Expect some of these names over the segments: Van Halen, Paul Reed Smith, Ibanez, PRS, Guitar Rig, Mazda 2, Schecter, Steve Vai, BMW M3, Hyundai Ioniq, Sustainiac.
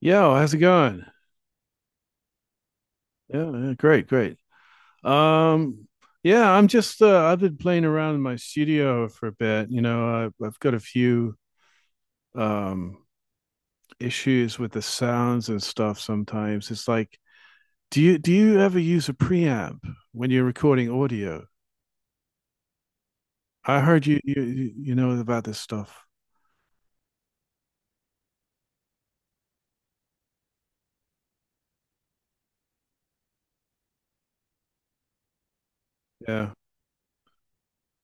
Yo, how's it going? Yeah, yeah, great, great. Um, yeah, I'm just I've been playing around in my studio for a bit. You know, I've got a few um issues with the sounds and stuff sometimes. It's like, do you ever use a preamp when you're recording audio? I heard you know about this stuff. Yeah.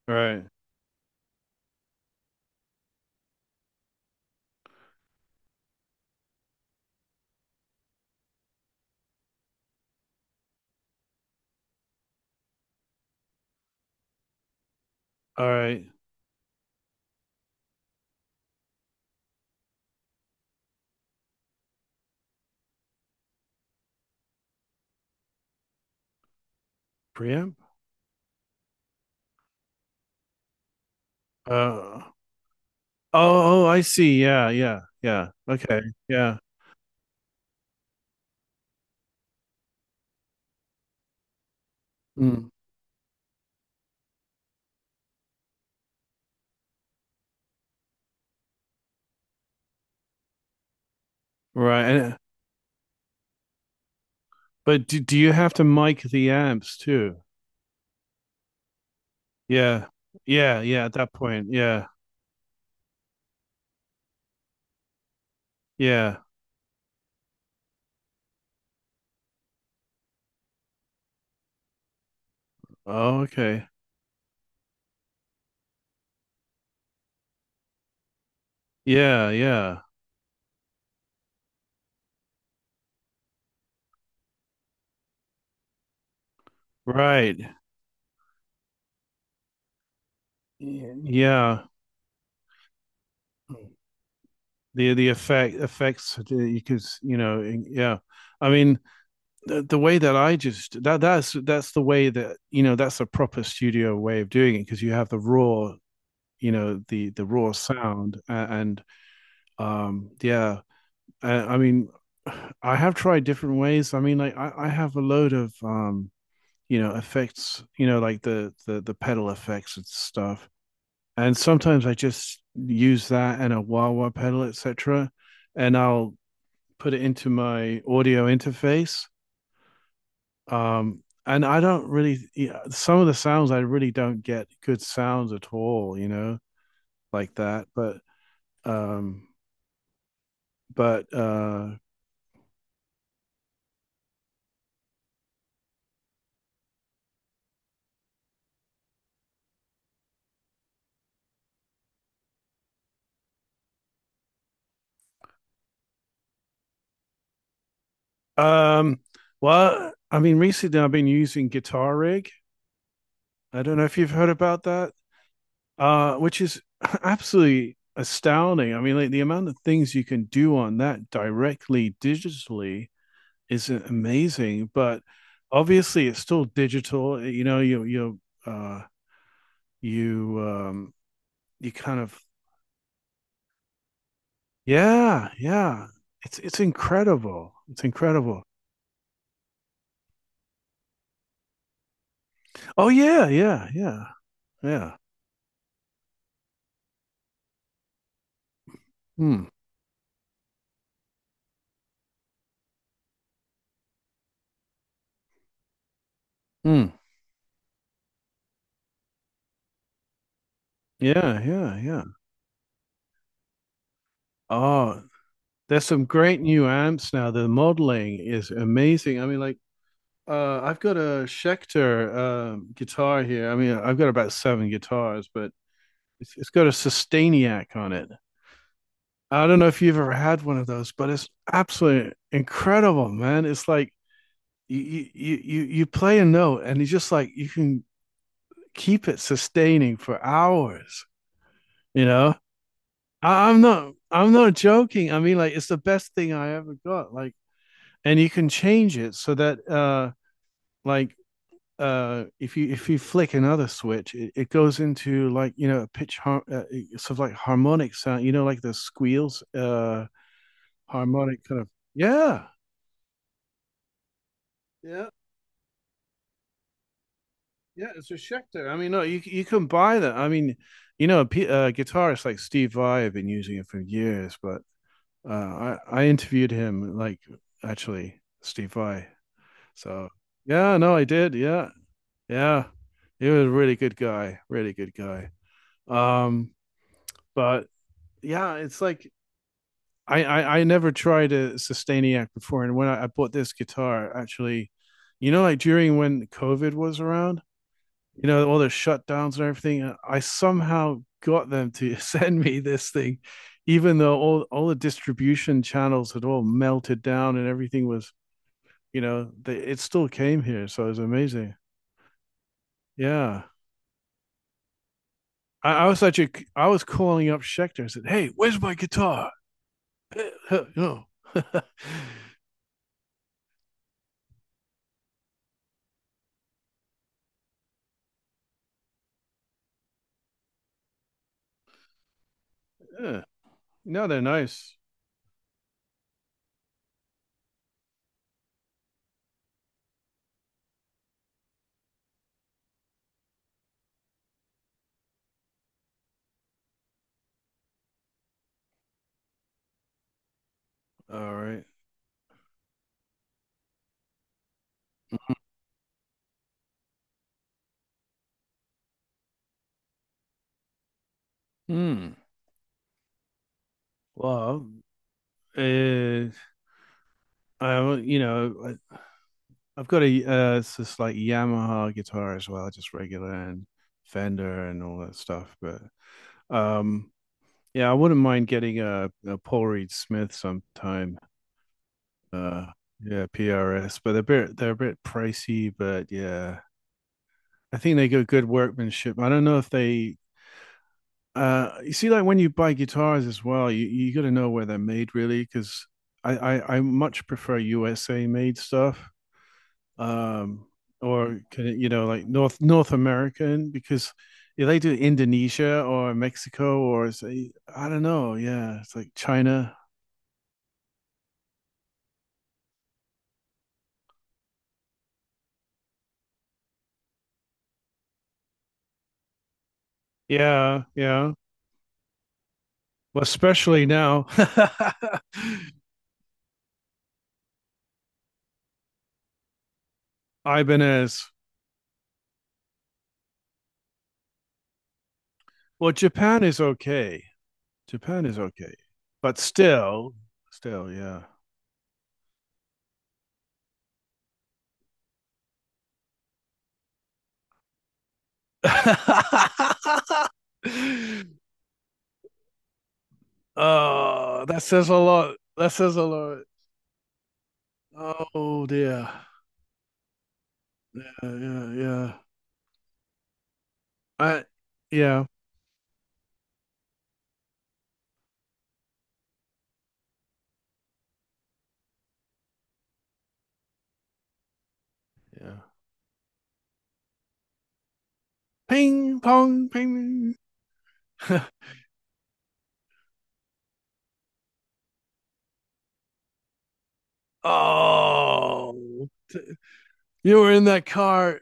All right. All right. Preamp? Uh oh, oh, I see. Yeah, yeah, yeah. Okay. Yeah. Mm. Right. But do you have to mic the amps too? Yeah. Yeah, yeah, at that point. Yeah. Yeah. Oh, okay. Yeah, yeah. Right. Yeah. The effects that you could, yeah. I mean, the way that I just that that's the way that, you know, that's a proper studio way of doing it because you have the raw, you know, the raw sound and yeah I mean, I have tried different ways. I mean, like I have a load of you know, effects, you know, like the the pedal effects and stuff. And sometimes I just use that and a wah wah pedal, etc. And I'll put it into my audio interface. And I don't really yeah, some of the sounds I really don't get good sounds at all, you know, like that. Um, but Um, well, I mean, recently I've been using Guitar Rig. I don't know if you've heard about that, which is absolutely astounding. I mean, like the amount of things you can do on that directly digitally is amazing. But obviously, it's still digital. You know, uh, you um, you kind of yeah yeah. It's incredible. It's incredible. Oh yeah yeah yeah yeah. Hmm. Hmm. Yeah, yeah, yeah. Oh, there's some great new amps now. The modeling is amazing. I mean, like, I've got a Schecter guitar here. I mean, I've got about seven guitars, but it's got a Sustainiac on it. I don't know if you've ever had one of those, but it's absolutely incredible, man. It's like you play a note, and it's just like you can keep it sustaining for hours. You know, I'm not joking. I mean, like, it's the best thing I ever got. Like and you can change it so that like if you flick another switch, it goes into like you know a sort of like harmonic sound you know like the squeals harmonic kind of yeah yeah yeah it's a Schecter. I mean no you you can buy that. I mean you know a guitarist like Steve Vai have been using it for years but I interviewed him like actually Steve Vai. So yeah no I did yeah. Yeah. He was a really good guy. Really good guy. Um, but yeah, it's like I never tried a Sustainiac before. And when I bought this guitar, actually, you know, like during when COVID was around, you know, all the shutdowns and everything, I somehow got them to send me this thing, even though all the distribution channels had all melted down and everything was, you know, they, it still came here. So it was amazing. Yeah. I, I was such a I was calling up Schecter and said, "Hey, where's my guitar?" no, Yeah. No, they're nice. All right. Hmm. Well, uh, I you know I, I've got a it's this like Yamaha guitar as well, just regular and Fender and all that stuff. But um, yeah, I wouldn't mind getting a Paul Reed Smith sometime. Uh, yeah, PRS, but they're a bit pricey, but yeah, I think they got good workmanship. I don't know if they, you see, like when you buy guitars as well, you got to know where they're made really, because I much prefer USA made stuff, um, or can it, you know, like North American, because if they do Indonesia or Mexico or say, I don't know, yeah, it's like China. Yeah, yeah. Well, especially now, Ibanez. Well, Japan is okay. Japan is okay, but still, still, yeah. oh, that says a lot. That says a lot. Oh dear. Yeah, yeah, yeah. I, yeah, yeah. Ping pong, ping. oh, you were in that car.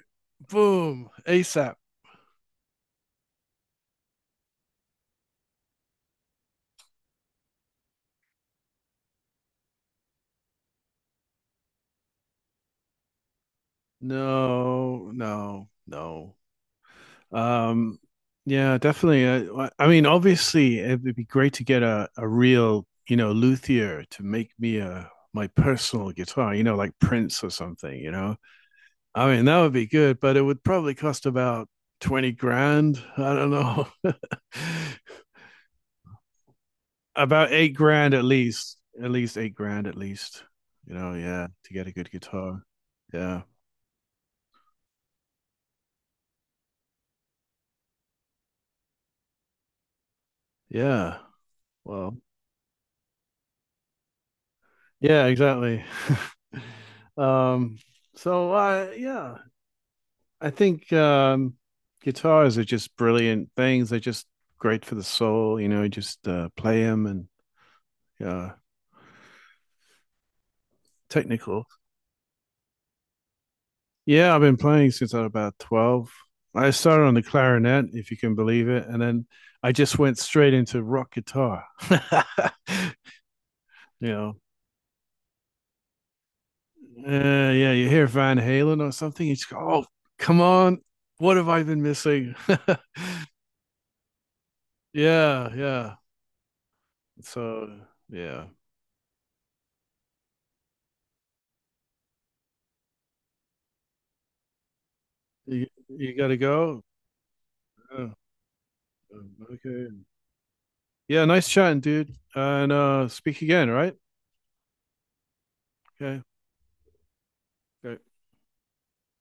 Boom, ASAP. No, no, no. Um, yeah, definitely. I mean, obviously, it would be great to get a real, you know, luthier to make me a my personal guitar, you know, like Prince or something, you know. I mean, that would be good, but it would probably cost about 20 grand. I don't know. About 8 grand at least. At least 8 grand at least. You know, yeah, to get a good guitar. Yeah. Yeah. Well, yeah, exactly. Um, yeah. I think guitars are just brilliant things. They're just great for the soul, you know. Just play them and uh, technical. Yeah, I've been playing since I was about 12. I started on the clarinet, if you can believe it, and then I just went straight into rock guitar. you know, yeah, you hear Van Halen or something, you just go, "Oh, come on, what have I been missing?" yeah, yeah. So yeah, you got to go. Yeah. Okay. Yeah, nice chatting, dude. And speak again, right? Okay. Great.